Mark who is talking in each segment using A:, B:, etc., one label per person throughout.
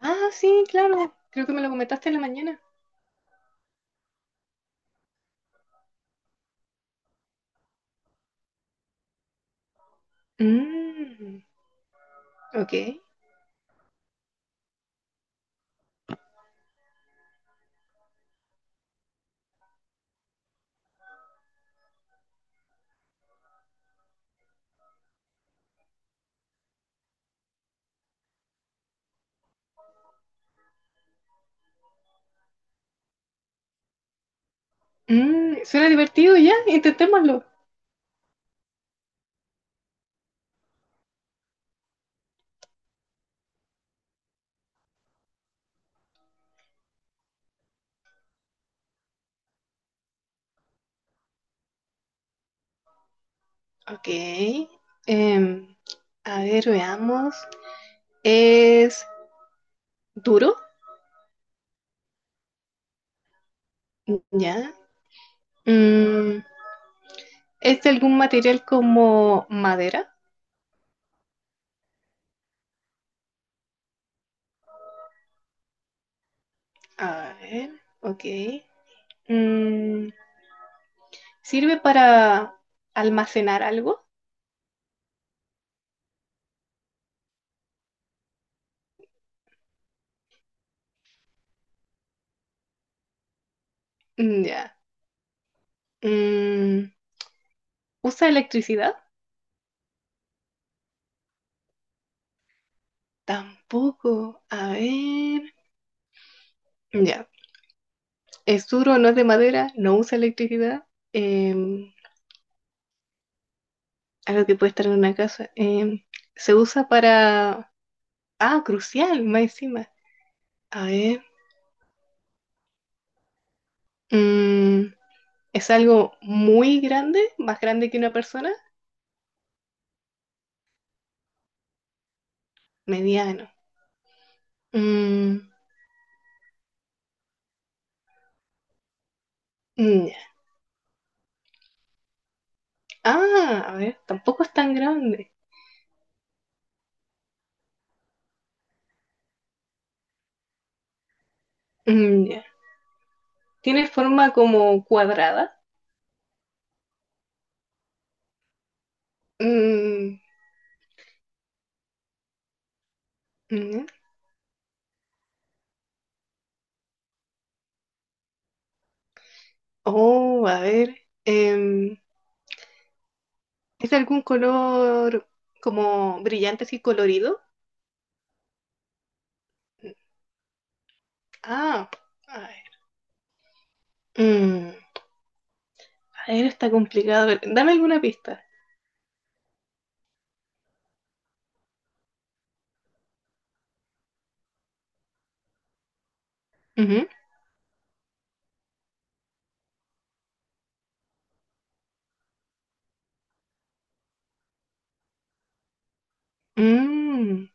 A: Ah, sí, claro. Creo que me lo comentaste en la mañana. Mm, ok. Suena divertido ya, intentémoslo. Ok. Em, a ver, veamos. ¿Es duro? Ya. Mm, ¿Es de algún material como madera? A ver, ok. Mm, ¿Sirve para almacenar algo? Ya. Mm, ¿Usa electricidad? Tampoco. A ver. Ya. Es duro, no es de madera, no usa electricidad, eh, algo que puede estar en una casa. Se usa para... Ah, crucial, más encima. A ver. mm, es algo muy grande, más grande que una persona, mediano. Mm, ya. Ah, a ver, tampoco es tan grande. Ya. Tiene forma como cuadrada. Mm, ya. Oh, a ver. em, ¿Es algún color como brillante así colorido? Ah, a ver. Mm, a ver, está complicado. A ver, dame alguna pista. Ujú. Mm,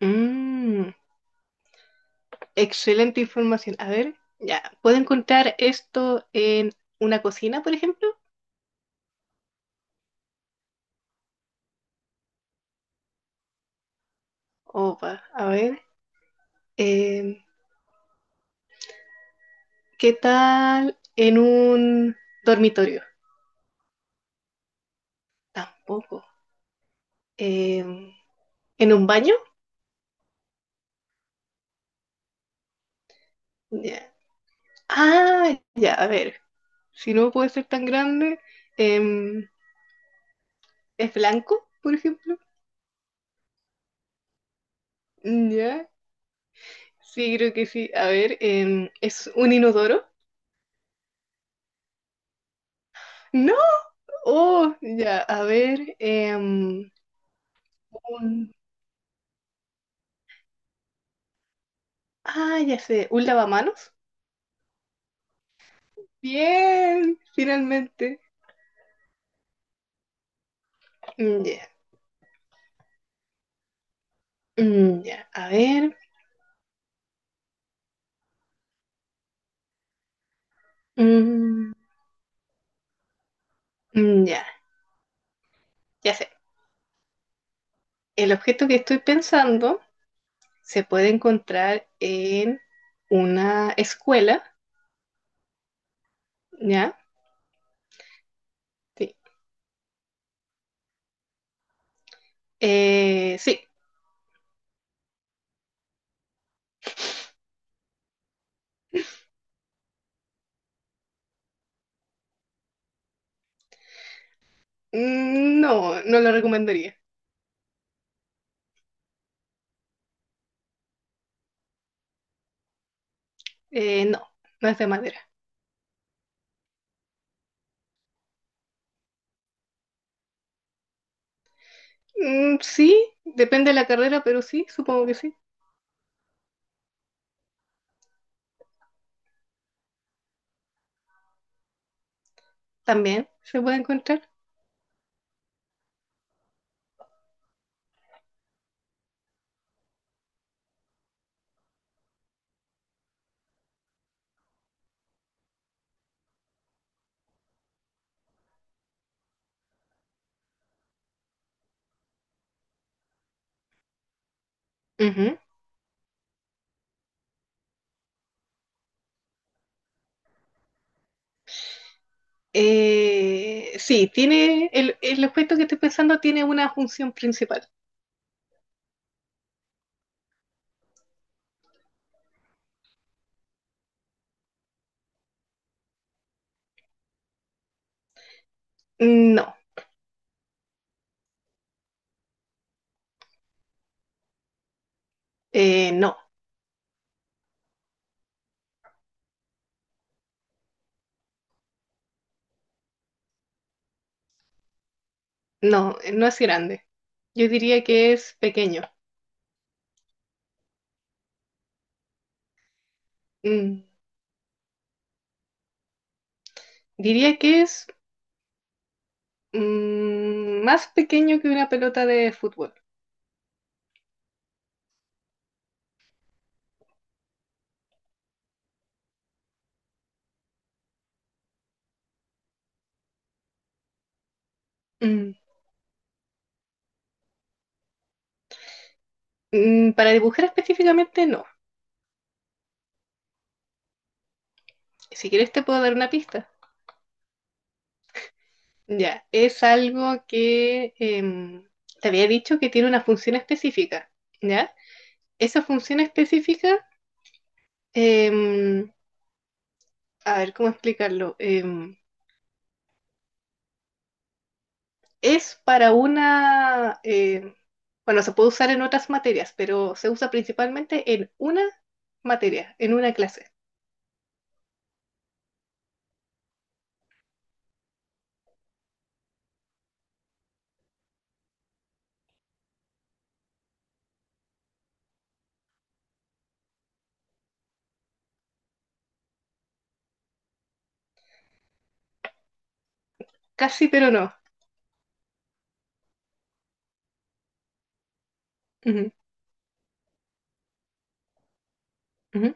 A: mm, excelente información. A ver, ya. ¿Puedo encontrar esto en una cocina, por ejemplo? Opa, a ver. em, ¿Qué tal en un dormitorio? Tampoco. Em, ¿En un baño? Ya. Ah, ya, a ver. Si no puede ser tan grande, em, es blanco, por ejemplo. Ya, sí, creo que sí. A ver, ¿es un inodoro? No, oh, ya, a ver, un... Ah, ya sé, ¿un lavamanos? Bien, finalmente. Mm, Ya, ya, a ver, mm, ya, ya sé. El objeto que estoy pensando se puede encontrar en una escuela, ¿ya? Sí. Sí. No, no lo recomendaría. No, no es de madera. Sí, depende de la carrera, pero sí, supongo que sí. También se puede encontrar. Ujú. Sí, tiene el objeto que estoy pensando tiene una función principal. No, eh, no, no es grande. Yo diría que es pequeño. Mm, diría que es más pequeño que una pelota de fútbol. Mm, para dibujar específicamente, no. Si quieres te puedo dar una pista. Ya, es algo que te había dicho que tiene una función específica, ¿ya? Esa función específica, em, a ver cómo explicarlo. Es para una, bueno, se puede usar en otras materias, pero se usa principalmente en una materia, en una clase. Casi, pero no. Ujú, ujú.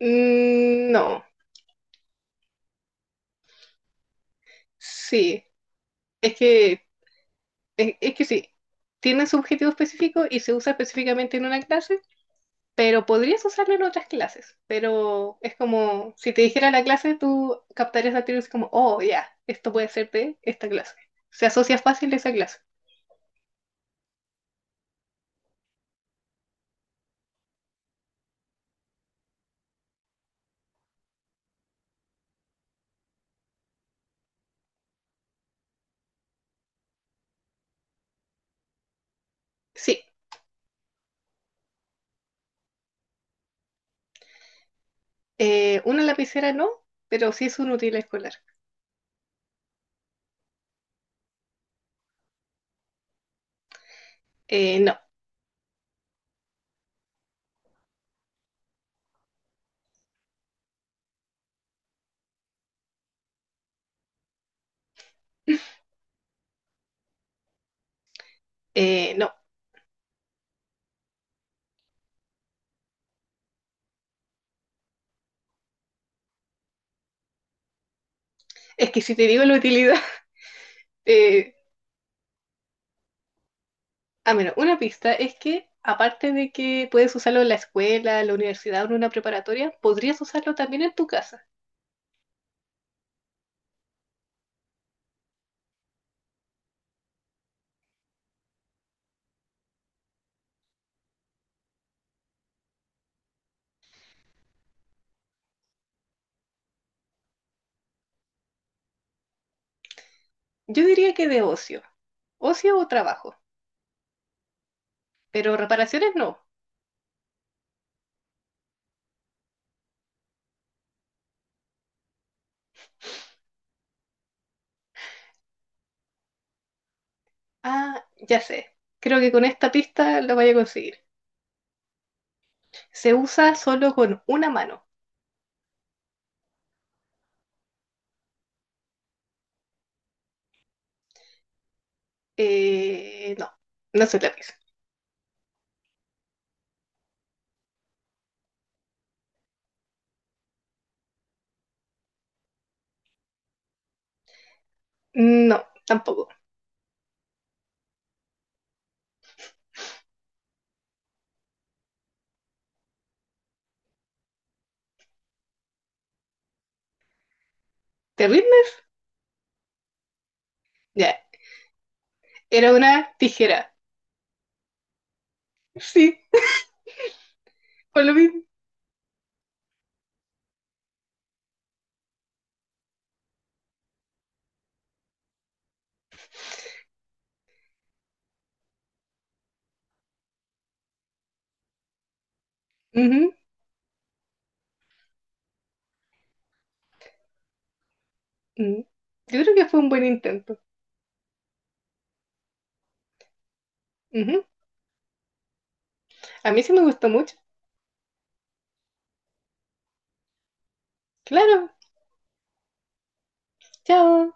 A: No, sí, es que es que sí, tiene su objetivo específico y se usa específicamente en una clase, pero podrías usarlo en otras clases. Pero es como si te dijera la clase, tú captarías la teoría así como, oh, ya, esto puede ser de esta clase. Se asocia fácil a esa clase. Sí, una lapicera no, pero sí es un útil escolar. No. No, es que si te digo la utilidad, eh, ah, bueno, una pista es que aparte de que puedes usarlo en la escuela, en la universidad o en una preparatoria, podrías usarlo también en tu casa. Yo diría que de ocio, ocio o trabajo, pero reparaciones no. Ah, ya sé, creo que con esta pista lo voy a conseguir. Se usa solo con una mano. No, no soy lápiz. No, tampoco. ¿Te rindes? Ya, era una tijera. Sí, por lo mismo. Ujú. Mm. Yo creo que fue un buen intento. Ujú. A mí sí me gustó mucho. Claro, chao.